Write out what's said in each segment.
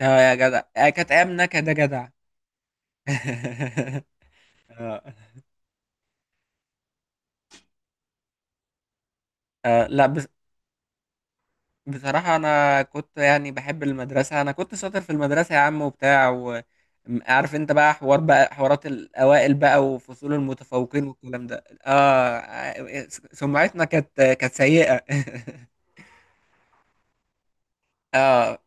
اه يا جدع، كانت ايام نكد يا جدع. آه. آه، لا، بس بصراحة أنا كنت يعني بحب المدرسة. أنا كنت شاطر في المدرسة يا عم وبتاع، وعارف أنت بقى حوارات الأوائل بقى وفصول المتفوقين والكلام ده. سمعتنا كانت سيئة. آه.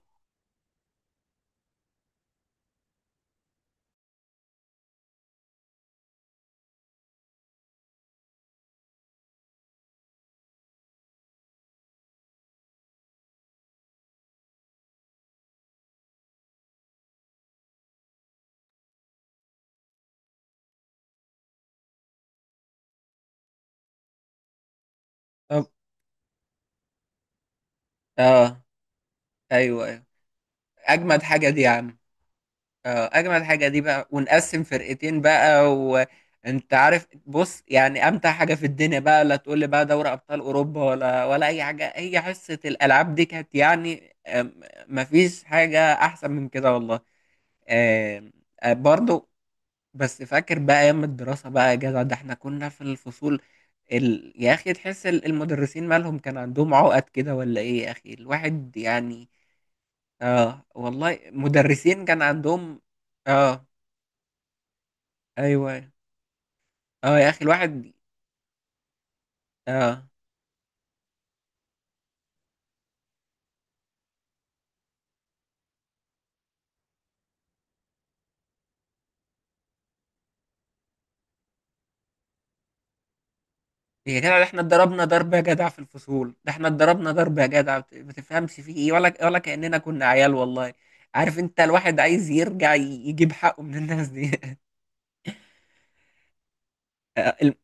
طب. آه. أيوه أيوه. أجمد حاجة دي يا عم. اه، اجمل حاجه دي بقى، ونقسم فرقتين بقى، وانت عارف، بص، يعني امتع حاجه في الدنيا بقى. لا تقول لي بقى دوري ابطال اوروبا ولا اي حاجه. هي حصه الالعاب دي كانت يعني. مفيش حاجه احسن من كده والله. آم، آه، برضو، بس فاكر بقى ايام الدراسه بقى يا جدع، ده احنا كنا في الفصول. يا اخي، تحس المدرسين مالهم، كان عندهم عقد كده ولا ايه يا اخي، الواحد يعني. اه والله، مدرسين كان عندهم. اه. ايوه. اه يا اخي، الواحد. اه، هي كده، احنا اتضربنا ضرب يا جدع في الفصول. ده احنا اتضربنا ضرب يا جدع، ما تفهمش فيه ايه، ولا كأننا كنا عيال والله. عارف انت، الواحد عايز يرجع، يجيب حقه من الناس دي. اه.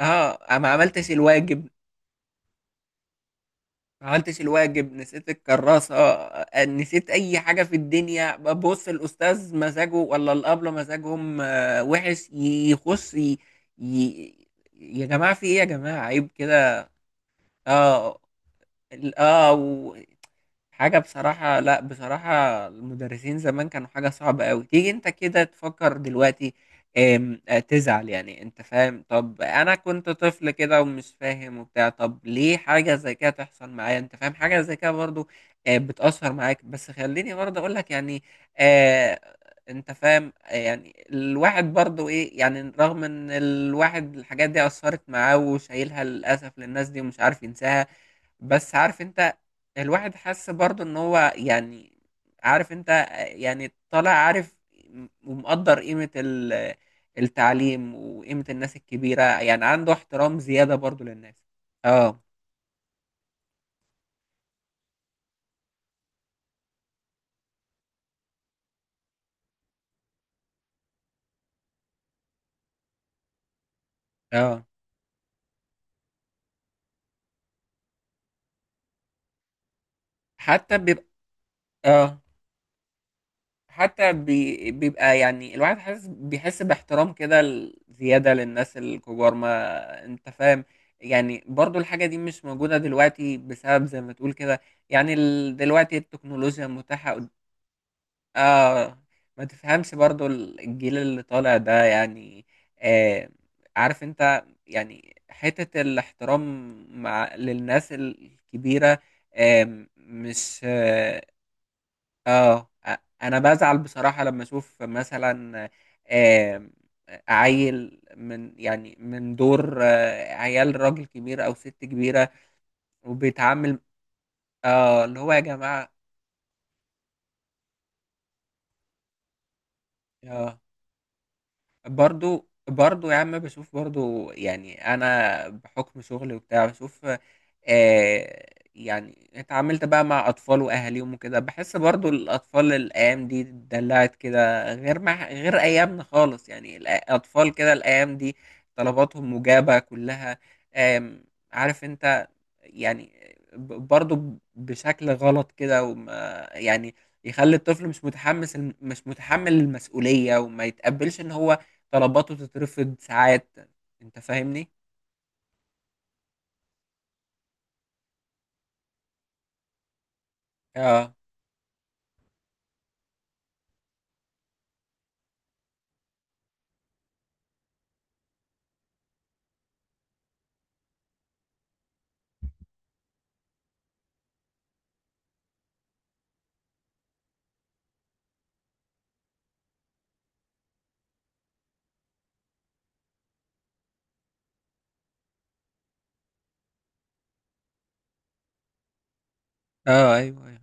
ما عملتش الواجب. ما عملتش الواجب، نسيت الكراسة، نسيت اي حاجة في الدنيا. بص، الاستاذ مزاجه ولا الابلة مزاجهم وحش. يخش. ي... يا جماعة في ايه؟ يا جماعة، عيب كده. اه. اه، حاجة بصراحة. لا، بصراحة المدرسين زمان كانوا حاجة صعبة أوي، تيجي أنت كده تفكر دلوقتي آم، آه، تزعل يعني. أنت فاهم؟ طب أنا كنت طفل كده ومش فاهم وبتاع. طب ليه حاجة زي كده تحصل معايا؟ أنت فاهم حاجة زي كده؟ برضو بتأثر معاك. بس خليني برضه أقول لك يعني، آه، أنت فاهم يعني الواحد برضو إيه، يعني رغم إن الواحد الحاجات دي أثرت معاه وشايلها للأسف للناس دي، ومش عارف ينساها. بس عارف انت، الواحد حس برضو ان هو يعني، عارف انت، يعني طالع عارف، ومقدر قيمة التعليم وقيمة الناس الكبيرة، يعني عنده احترام زيادة برضو للناس. اه. اه، حتى بيبقى. اه، حتى بيبقى يعني الواحد حاسس، بيحس باحترام كده، زيادة للناس الكبار، ما انت فاهم. يعني برضو الحاجة دي مش موجودة دلوقتي، بسبب زي ما تقول كده. يعني دلوقتي التكنولوجيا متاحة. اه. ما تفهمش برضو الجيل اللي طالع ده يعني. آه. عارف انت، يعني حتة الاحترام مع للناس الكبيرة مش آه، انا بزعل بصراحة لما اشوف مثلا آه عيل من يعني، من دور عيال راجل كبير او ست كبيرة، وبيتعامل. اه، اللي هو يا جماعة. اه، برضو برضو يا عم، بشوف برضو، يعني انا بحكم شغلي وبتاع بشوف. آه يعني اتعاملت بقى مع اطفال واهاليهم وكده، بحس برضو الاطفال الايام دي اتدلعت كده، غير مع غير ايامنا خالص. يعني الاطفال كده الايام دي طلباتهم مجابة كلها. آم، عارف انت، يعني برضه بشكل غلط كده، وما يعني يخلي الطفل مش متحمس، مش متحمل المسؤولية، وما يتقبلش ان هو طلباته تترفض ساعات. انت فاهمني؟ اه اه، ايوه ايوه.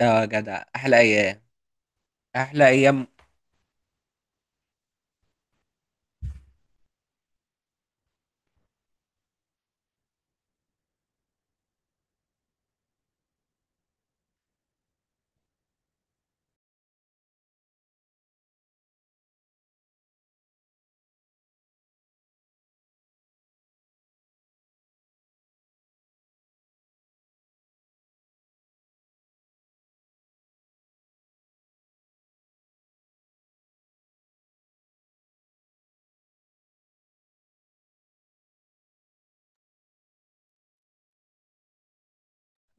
اه جدع، احلى ايام. احلى ايام.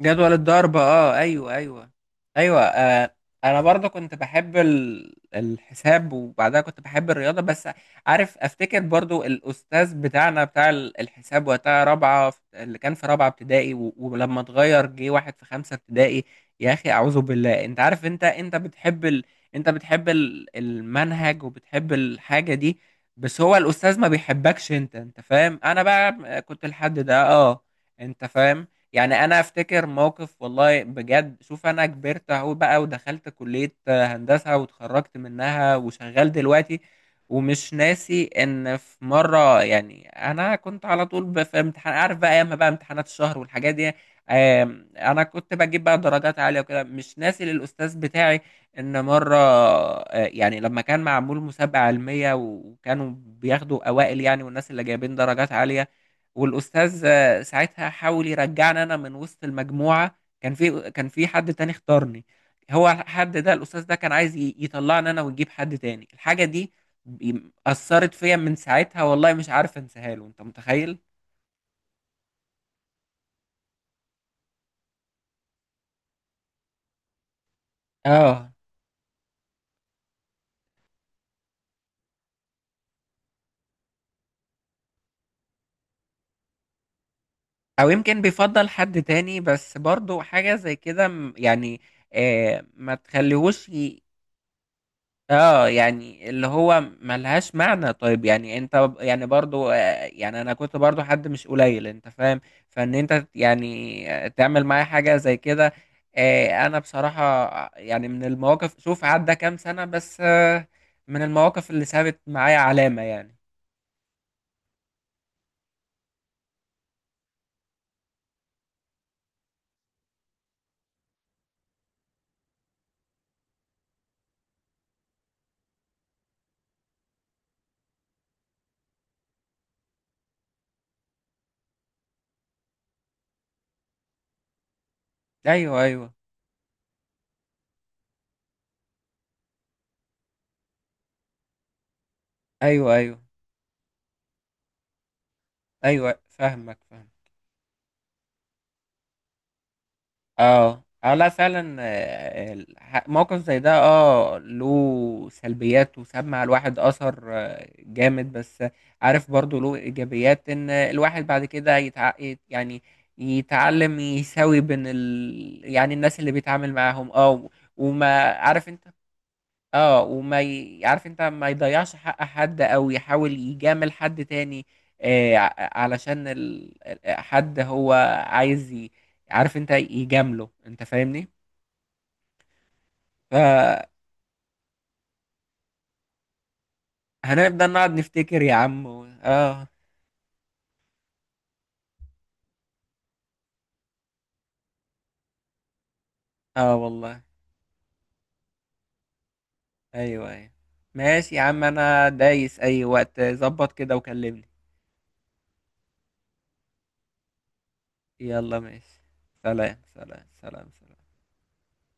جدول الضرب. اه، ايوه ايوه. ايوه. آه. انا برضه كنت بحب الحساب، وبعدها كنت بحب الرياضه بس. عارف، افتكر برضه الاستاذ بتاعنا بتاع الحساب وقتها، رابعه اللي كان في رابعه ابتدائي، ولما اتغير جه واحد في خمسه ابتدائي، يا اخي اعوذ بالله. انت عارف، انت بتحب انت بتحب المنهج، وبتحب الحاجه دي، بس هو الاستاذ ما بيحبكش. انت فاهم؟ انا بقى كنت الحد ده، اه. انت فاهم، يعني انا افتكر موقف والله بجد. شوف، انا كبرت اهو بقى، ودخلت كلية هندسة واتخرجت منها وشغال دلوقتي. ومش ناسي ان في مرة، يعني انا كنت على طول في امتحان، عارف بقى ايام بقى امتحانات الشهر والحاجات دي، انا كنت بجيب بقى درجات عالية وكده. مش ناسي للاستاذ بتاعي، ان مرة يعني لما كان معمول مسابقة علمية، وكانوا بياخدوا اوائل يعني، والناس اللي جايبين درجات عالية، والاستاذ ساعتها حاول يرجعني انا من وسط المجموعه. كان في حد تاني اختارني. هو الحد ده الاستاذ ده كان عايز يطلعني انا ويجيب حد تاني. الحاجه دي اثرت فيا من ساعتها والله، مش عارف انساها له. انت متخيل؟ اه. او يمكن بيفضل حد تاني، بس برضو حاجه زي كده يعني. ما تخليهوش اه، يعني اللي هو ملهاش معنى. طيب يعني انت يعني برضو يعني انا كنت برضو حد مش قليل، انت فاهم. فان انت يعني تعمل معايا حاجة زي كده. انا بصراحة يعني من المواقف. شوف، عدى كام سنة بس من المواقف اللي سابت معايا علامة يعني. ايوه ايوه ايوه ايوه ايوه. فاهمك فاهمك. اه اه، لا، فعلا موقف زي ده، اه، له سلبيات، وساب على الواحد اثر جامد. بس عارف، برضو له ايجابيات. ان الواحد بعد كده، يعني يتعلم يساوي بين يعني الناس اللي بيتعامل معاهم، اه. وما، عارف انت، اه. عارف انت، ما يضيعش حق حد، او يحاول يجامل حد تاني، آه ع- علشان حد هو عايز عارف انت، يجامله، انت فاهمني؟ فهنبدأ. نقعد نفتكر يا عم. اه. اه والله، ايوه ايوه. ماشي يا عم، انا دايس اي وقت، ظبط كده وكلمني. يلا ماشي. سلام سلام سلام سلام.